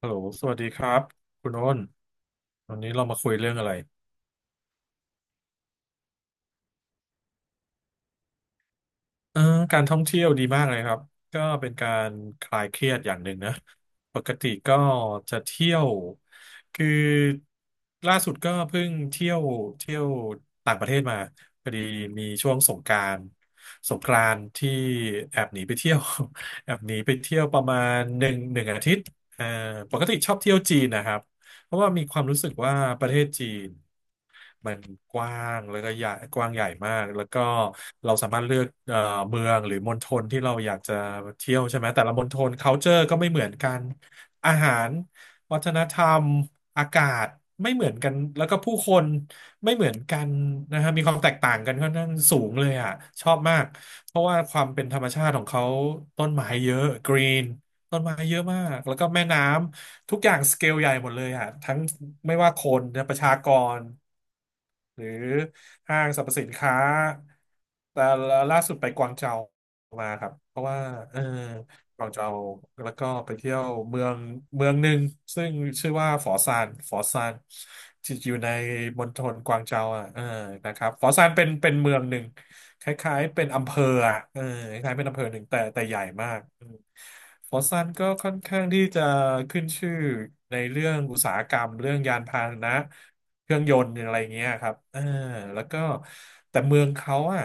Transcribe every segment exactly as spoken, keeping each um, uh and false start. ฮัลโหลสวัสดีครับคุณโอ้นวันนี้เรามาคุยเรื่องอะไรเออการท่องเที่ยวดีมากเลยครับก็เป็นการคลายเครียดอย่างหนึ่งนะปกติก็จะเที่ยวคือล่าสุดก็เพิ่งเที่ยวเที่ยวต่างประเทศมาพอดีมีช่วงสงกรานต์สงกรานต์ที่แอบหนีไปเที่ยว แอบหนีไปเที่ยวประมาณหนึ่งหนึ่งอาทิตย์เอ่อปกติชอบเที่ยวจีนนะครับ เพราะว่ามีความรู้สึกว่าประเทศจีนมันกว้างแล้วก็ใหญ่กว้างใหญ่มากแล้วก็เราสามารถเลือกเอ่อเมืองหรือมณฑลที่เราอยากจะเที่ยวใช่ไหมแต่ละมณฑล culture ก็ไม่เหมือนกันอาหารวัฒนธรรมอากาศไม่เหมือนกันแล้วก็ผู้คนไม่เหมือนกันนะฮะมีความแตกต่างกันค่อนข้างสูงเลยอ่ะชอบมากเพราะว่าความเป็นธรรมชาติของเขาต้นไม้เยอะกรีนต้นไม้เยอะมากแล้วก็แม่น้ำ ทุกอย่างสเกลใหญ่หมดเลยอะทั้งไม่ว่าคนนะประชากรหรือห้างสรรพสินค้าแต่ล่าสุดไปกวางเจามาครับเพราะว่าเออกวางเจาแล้วก็ไปเที่ยวเมืองเมืองหนึ่งซึ่งชื่อว่าฝอซานฝอซานที่อยู่ในมณฑลกวางเจาอ่ะเออนะครับฝอซานเป็นเป็นเมืองหนึ่ง คล้ายๆเป็นอำเภออะเออคล้ายๆเป็นอำเภอหนึ่งแต่แต่ใหญ่มากอืมฟอสซันก็ค่อนข้างที่จะขึ้นชื่อในเรื่องอุตสาหกรรมเรื่องยานพาหนะเครื่องยนต์อะไรเงี้ยครับเออแล้วก็แต่เมืองเขาอ่ะ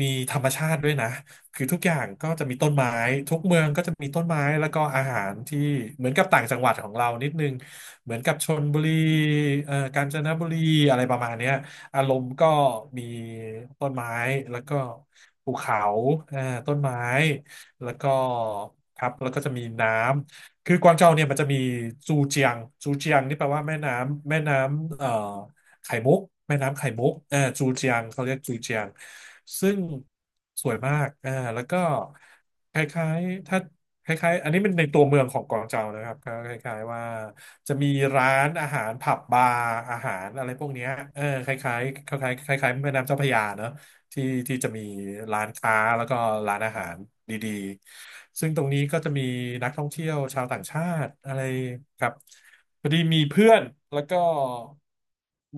มีธรรมชาติด้วยนะคือทุกอย่างก็จะมีต้นไม้ทุกเมืองก็จะมีต้นไม้แล้วก็อาหารที่เหมือนกับต่างจังหวัดของเรานิดนึงเหมือนกับชลบุรีเอ่อกาญจนบุรีอะไรประมาณเนี้ย อารมณ์ก็มีต้นไม้แล้วก็ภูเขาอ่าต้นไม้แล้วก็ครับแล้วก็จะมีน้ำ คือกวางโจวเนี่ยมันจะมีจูเจียงจูเจียงนี่แปลว่าแม่น้ำแม่น้ำเอ่อไข่มุกแม่น้ำไข่มุกเออจูเจียงเขาเรียกจูเจียงซึ่งสวยมากอ่าแล้วก็คล้ายๆถ้า คล้ายๆอันนี้เป็นในตัวเมืองของกวางเจานะครับก็คล้ายๆว่าจะมีร้านอาหารผับบาร์อาหารอะไรพวกเนี้ยเออคล้ายๆคล้ายๆคล้ายๆแม่น้ำเจ้าพระยาเนอะ ที่ที่จะมีร้านค้าแล้วก็ร้านอาหารดีๆซึ่งตรงนี้ก็จะมีนักท่องเที่ยวชาวต่างชาติอะไรครับพอดีมีเพื่อนแล้วก็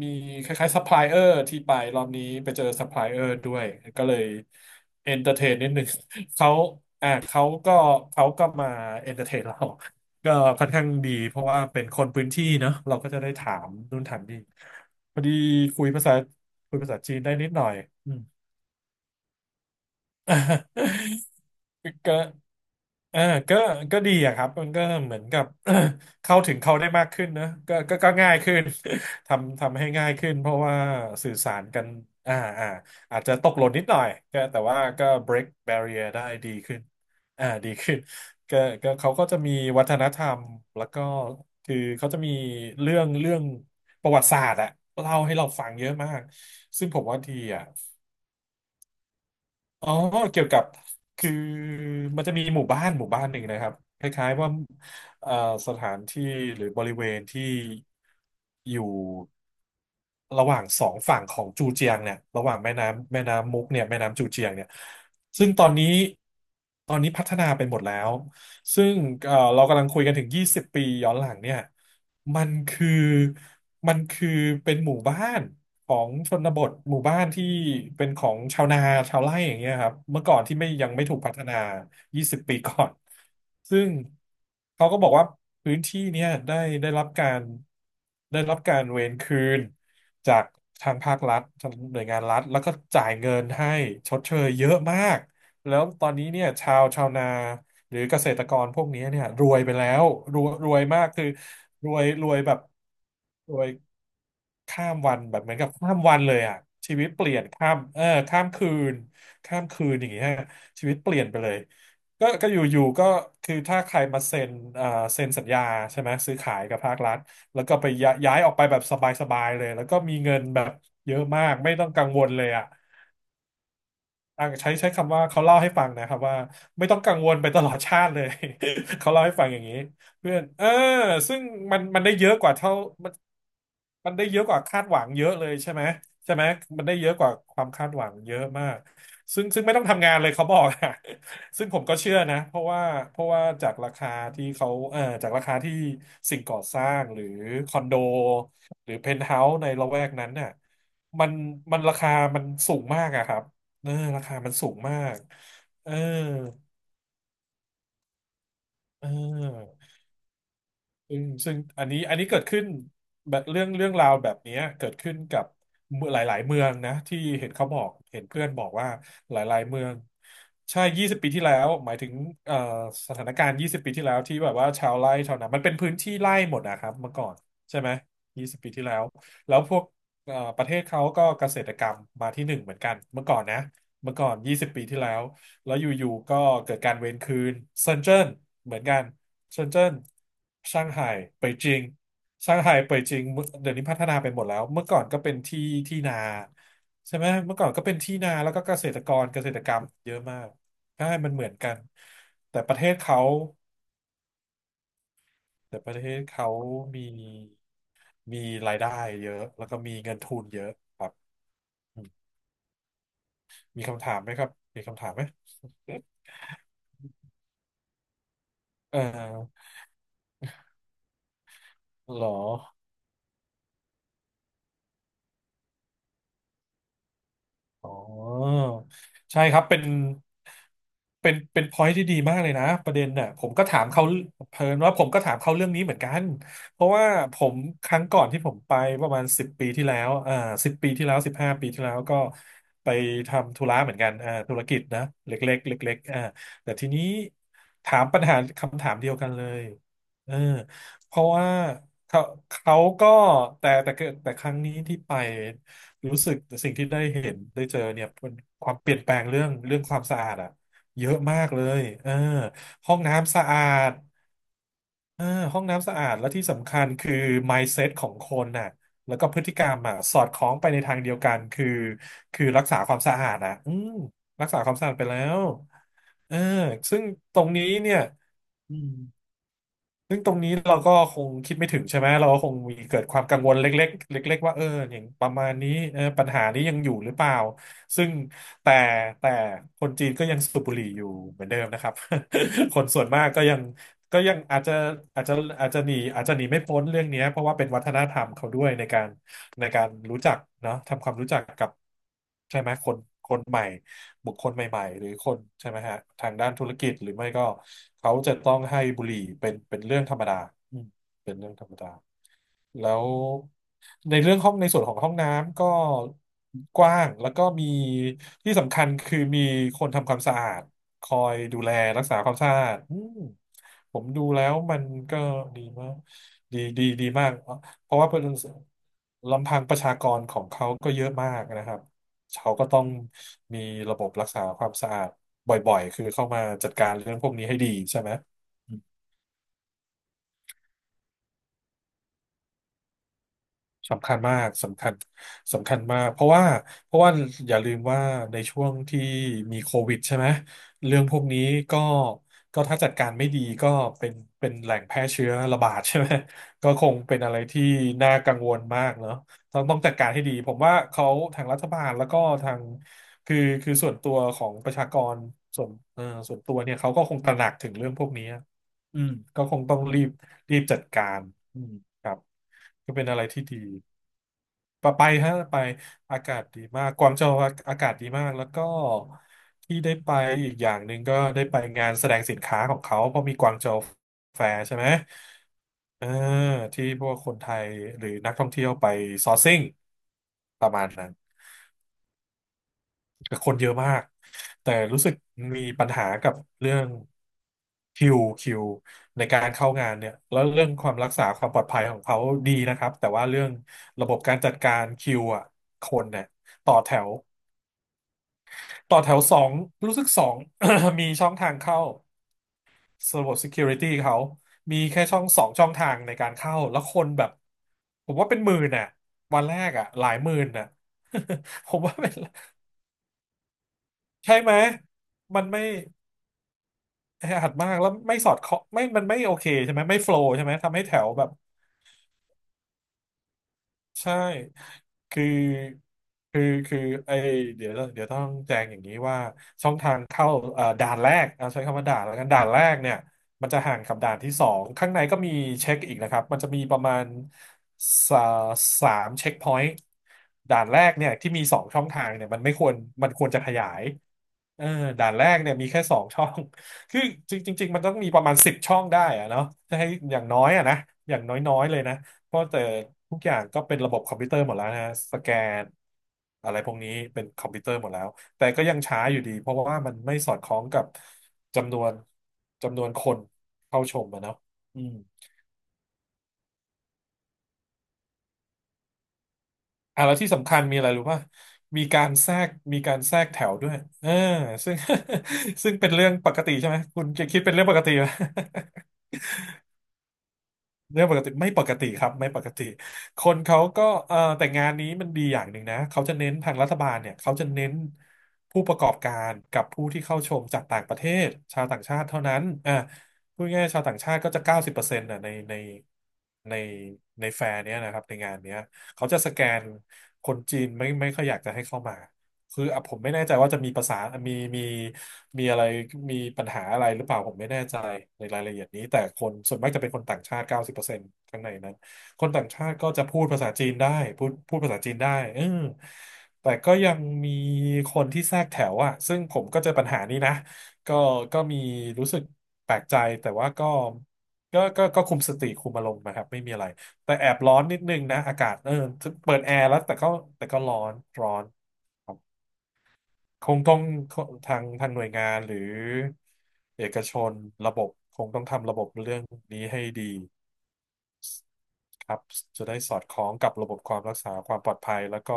มีคล้ายๆซัพพลายเออร์ที่ไปรอบนี้ไปเจอซัพพลายเออร์ด้วยก็เลยเอนเตอร์เทนนิดหนึ่ง เขาอ่าเขาก็เขาก็มาเอนเตอร์เทนเรา ก็ค่อนข้างดีเพราะว่าเป็นคนพื้นที่เนอะเราก็จะได้ถามนู่นถามนี่พอดีคุยภาษาคุยภาษาจีนได้นิดหน่อย ก็เออก็ก็ดีอะครับมันก็เหมือนกับ เข้าถึงเขาได้มากขึ้นเนอะก็ก็ก็ง่ายขึ้น ทำทำให้ง่ายขึ้นเพราะว่าสื่อสารกันอ่าอ่าอาจจะตกหล่นนิดหน่อยก็แต่ว่าก็ break barrier ได้ดีขึ้นอ่าดีขึ้นก็ก็เขาก็จะมีวัฒนธรรมแล้วก็คือเขาจะมีเรื่องเรื่องประวัติศาสตร์อะเล่าให้เราฟังเยอะมากซึ่งผมว่าดีอ่ะ อ๋อ เกี่ยวกับ คือ มันจะมีหมู่บ้าน หมู่บ้านหนึ่งนะครับ คล้ายๆว่า เอ่อสถานที่หรือบริเวณที่อยู่ระหว่างสองฝั่งของจูเจียงเนี่ยระหว่างแม่น้ำแม่น้ำมุกเนี่ยแม่น้ำจูเจียงเนี่ยซึ่งตอนนี้ตอนนี้พัฒนาไปหมดแล้วซึ่งเอ่อเรากำลังคุยกันถึงยี่สิบปีย้อนหลังเนี่ยมันคือมันคือเป็นหมู่บ้านของชนบทหมู่บ้านที่เป็นของชาวนาชาวไร่อย่างเงี้ยครับเมื่อก่อนที่ไม่ยังไม่ถูกพัฒนายี่สิบปีก่อน ซึ่งเขาก็บอกว่าพื้นที่เนี่ยได้ได้รับการได้รับการเวรคืนจากทางภาครัฐทางหน่วยงานรัฐแล้วก็จ่ายเงินให้ชดเชยเยอะมากแล้วตอนนี้เนี่ยชาวชาวนาหรือเกษตรกรพวกนี้เนี่ยรวยไปแล้วรวยรวยมากคือรวยรวยแบบรวยข้ามวันแบบเหมือนกับข้ามวันเลยอ่ะชีวิตเปลี่ยนข้ามเออข้ามคืนข้ามคืนอย่างเงี้ยชีวิตเปลี่ยนไปเลย ก็ก็อยู่ๆก็คือถ้าใครมาเซ็นอ่าเซ็นสัญญาใช่ไหมซื้อขายกับภาครัฐแล้วก็ไปย้ายย้ายออกไปแบบสบายๆเลยแล้วก็มีเงินแบบเยอะมากไม่ต้องกังวลเลยอ่ะ อ่ะใช้ใช้คำว่าเขาเล่าให้ฟังนะครับว่าไม่ต้องกังวลไปตลอดชาติเลย เขาเล่าให้ฟังอย่างนี้เพื่อนเออซึ่งมันมันได้เยอะกว่าเท่ามันมันได้เยอะกว่าคาดหวังเยอะเลยใช่ไหมใช่ไหมมันได้เยอะกว่าความคาดหวังเยอะมากซึ่งซึ่งไม่ต้องทำงานเลยเขาบอกอะ ซึ่งผมก็เชื่อนะเพราะว่าเพราะว่าจากราคาที่เขาเออจากราคาที่สิ่งก่อสร้างหรือคอนโดหรือเพนท์เฮาส์ในละแวกนั้นเนี่ยมันมันราคามันสูงมากอะครับ เออราคามันสูงมากเออเออ ซึ่งซึ่งอันนี้อันนี้เกิดขึ้นแบบเรื่องเรื่องราวแบบเนี้ยเกิดขึ้นกับเมือหลายๆเมืองนะที่เห็นเขาบอกเห็นเพื่อนบอกว่าหลายๆเมืองใช่ยี่สิบปีที่แล้วหมายถึงเอ่อสถานการณ์ยี่สิบปีที่แล้วที่แบบว่าชาวไร่ชาวนามันเป็นพื้นที่ไร่หมดนะครับเมื่อก่อนใช่ไหมยี่สิบปีที่แล้วแล้วพวกเอ่อประเทศเขาก็เกษตรกรรมมาที่หนึ่งเหมือนกันเมื่อก่อนนะเมื่อก่อนยี่สิบปีที่แล้วแล้วอยู่ๆก็เกิดการเวรคืนเซินเจิ้นเหมือนกัน เซินเจิ้นช่างไห่เป่ยจิงช่างไห่เป่ยจิง เดี๋ยวนี้พัฒนาไปหมดแล้วเมื่อก่อนก็เป็นที่ที่นาใช่ไหมเมื่อก่อนก็เป็นที่นาแล้วก็เกษตรกรเกษตรกรรมเยอะมากใช่มันเหมือนกัน แต่ประเทศเขาแต่ประเทศเขามีมีรายได้เยอะแล้วก็มีเงินทุนเยอะครับอืมมีคำถามไหมครับมีคำถามไหมเออเหรอ อ๋อใช่ครับเป็นเป็นเป็นพอยที่ดีมากเลยนะประเด็นน่ะผมก็ถามเขาเพิ่นว่าผมก็ถามเขาเรื่องนี้เหมือนกันเพราะว่าผมครั้งก่อนที่ผมไปประมาณสิบปีที่แล้วอ่าสิบปีที่แล้วสิบห้าปีที่แล้วก็ไปทำธุระเหมือนกันอ่าธุรกิจนะเล็กๆเล็กๆอ่าแต่ทีนี้ถามปัญหาคำถามเดียวกันเลยเออเพราะว่าเขาเขาก็แต่แต่แต่ครั้งนี้ที่ไป รู้สึกสิ่งที่ได้เห็นได้เจอเนี่ยเป็นความเปลี่ยนแปลงเรื่องเรื่องความสะอาดอะเยอะมากเลยเออห้องน้ำสะอาดเออห้องน้ำสะอาดและที่สำคัญคือ mindset ของคนน่ะแล้วก็พฤติกรรมอ่ะสอดคล้องไปในทางเดียวกันคือคือรักษาความสะอาดอ่ะอืมรักษาความสะอาดไปแล้วเออซึ่งตรงนี้เนี่ยอืม ซึ่งตรงนี้เราก็คงคิดไม่ถึงใช่ไหม เราก็คงมีเกิดความกังวลเล็กๆเล็กๆว่าเอออย่างประมาณนี้เออปัญหานี้ยังอยู่หรือเปล่า ซึ่งแต่แต่คนจีนก็ยังสูบบุหรี่อยู่เหมือนเดิมนะครับ คนส่วนมากก็ยังก็ยังอาจจะอาจจะอาจจะหนีอาจจะหนีไม่พ้นเรื่องเนี้ยเพราะว่าเป็นวัฒนธรรมเขาด้วยในการในการรู้จักเนาะทำความรู้จักกับใช่ไหมคนคนใหม่ บุคคลใหม่ๆหรือคนใช่ไหมฮะทางด้านธุรกิจหรือไม่ก็เขาจะต้องให้บุหรี่เป็นเป็นเรื่องธรรมดาอืมเป็นเรื่องธรรมดาแล้วในเรื่องห้องในส่วนของห้องน้ำก็กว้างแล้วก็มีที่สำคัญคือมีคนทำความสะอาดคอยดูแลรักษาความสะอาดอืมผมดูแล้วมันก็ดีมากดีดีดีมากเพราะว่าลำพังประชากรของเขาก็เยอะมากนะครับ เขาก็ต้องมีระบบรักษาความสะอาดบ่อยๆ คือเข้ามาจัดการเรื่องพวกนี้ให้ดีใช่ไหม สำคัญมากสำคัญสำคัญมากเพราะว่าเพราะว่าอย่าลืมว่าในช่วงที่มีโควิดใช่ไหมเรื่องพวกนี้ก็ก็ถ้าจัดการไม่ดีก็เป็นเป็นแหล่งแพร่เชื้อระบาดใช่ไหม ก็คงเป็นอะไรที่น่ากังวลมากเนาะต้องต้องจัดการให้ดีผมว่าเขาทางรัฐบาลแล้วก็ทางคือคือส่วนตัวของประชากรส่วนเอ่อส่วนตัวเนี่ยเขาก็คงตระหนักถึงเรื่องพวกนี้ อืมก็คงต้องรีบรีบจัดการอืมครับก็เป็นอะไรที่ดีไปไปฮะไปอากาศดีมากกวางโจวอาอากาศดีมากแล้วก็ที่ได้ไปอีกอย่างหนึ่งก็ได้ไปงานแสดงสินค้าของเขาเพราะมีกวางโจวแฟร์ใช่ไหมเออที่พวกคนไทยหรือนักท่องเที่ยวไปซอร์ซิ่งประมาณนั้น คนเยอะมากแต่รู้สึกมีปัญหากับเรื่องคิวคิวในการเข้างานเนี่ยแล้วเรื่องความรักษาความปลอดภัยของเขาดีนะครับแต่ว่าเรื่องระบบการจัดการคิวอ่ะคนเนี่ยต่อแถวต่อแถวสองรู้สึกสอง มีช่องทางเข้าระบบ security เขามีแค่ช่องสองช่องทางในการเข้าแล้วคนแบบผมว่าเป็นหมื่นน่ะวันแรกอ่ะหลายหมื่นน่ะ ผมว่าเป็นใช่ไหมมันไม่ แออัดมากแล้วไม่สอดเคาะไม่มันไม่โอเคใช่ไหมไม่โฟล์ใช่ไหมทำให้แถวแบบ ใช่คือคือคือไอเดี๋ยวเดี๋ยวต้องแจ้งอย่างนี้ว่าช่องทางเข้าเอ่อด่านแรกเอาใช้คำว่าด่านแล้วกันด่านแรกเนี่ยมันจะห่างกับด่านที่สอง ข้างในก็มีเช็คอีกนะครับ มันจะมีประมาณสาสามเช็คพอยต์ด่านแรกเนี่ยที่มีสองช่องทางเนี่ยมันไม่ควรมันควรจะขยายเออด่านแรกเนี่ยมีแค่สองช่อง คือจริงจริงๆมันต้องมีประมาณสิบช่องได้อะเนาะจะให้อย่างน้อยอะนะอย่างน้อยๆเลยนะ เพราะแต่ทุกอย่างก็เป็นระบบคอมพิวเตอร์หมดแล้วนะฮะสแกนอะไรพวกนี้เป็นคอมพิวเตอร์หมดแล้วแต่ก็ยังช้าอยู่ดีเพราะว่ามันไม่สอดคล้องกับจำนวนจำนวนคนเข้าชมอะเนาะอืมอ่ะแล้วที่สำคัญมีอะไรรู้ป่ะมีการแทรกมีการแทรกแถวด้วยเออซึ่ง ซึ่งเป็นเรื่องปกติใช่ไหมคุณจะคิดเป็นเรื่องปกติไหม เรื่องปกติไม่ปกติครับไม่ปกติคนเขาก็เอ่อแต่งานนี้มันดีอย่างหนึ่งนะเขาจะเน้นทางรัฐบาลเนี่ยเขาจะเน้นผู้ประกอบการกับผู้ที่เข้าชมจากต่างประเทศชาวต่างชาติเท่านั้นอ่าพูดง่ายๆชาวต่างชาติก็จะเก้าสิบเปอร์เซ็นต์่ะในในในในแฟร์เนี้ยนะครับในงานเนี้ยเขาจะสแกนคนจีนไม่ไม่ค่อยอยากจะให้เข้ามา คืออ่ะผมไม่แน่ใจว่าจะมีภาษามีมีมีอะไรมีปัญหาอะไรหรือเปล่าผมไม่แน่ใจในรายละเอียดนี้แต่คนส่วนมากจะเป็นคนต่างชาติเก้าสิบเปอร์เซ็นต์ข้างในนั้นคนต่างชาติก็จะพูดภาษาจีนได้พูดพูดภาษาจีนได้เออแต่ก็ยังมีคนที่แทรกแถวอ่ะซึ่งผมก็เจอปัญหานี้นะก็ก็มีรู้สึกแปลกใจแต่ว่าก็ก็ก็ก็คุมสติคุมอารมณ์นะครับไม่มีอะไรแต่แอบร้อนนิดนึงนะอากาศเออเปิดแอร์แล้วแต่ก็แต่ก็ร้อนร้อน คงต้องทางทางหน่วยงานหรือเอกชนระบบคงต้องทำระบบเรื่องนี้ให้ดีครับจะได้สอดคล้องกับระบบความรักษาความปลอดภัยแล้วก็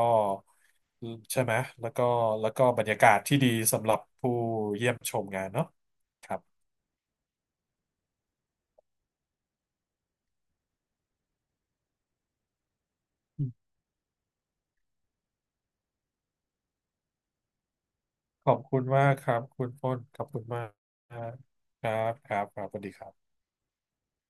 ใช่ไหมแล้วก็แล้วก็บรรยากาศที่ดีสำหรับผู้เยี่ยมชมงานเนาะครับขอบคุณมากครับคุณอ้นขอบคุณมากครับครับครับสวัสดีครับ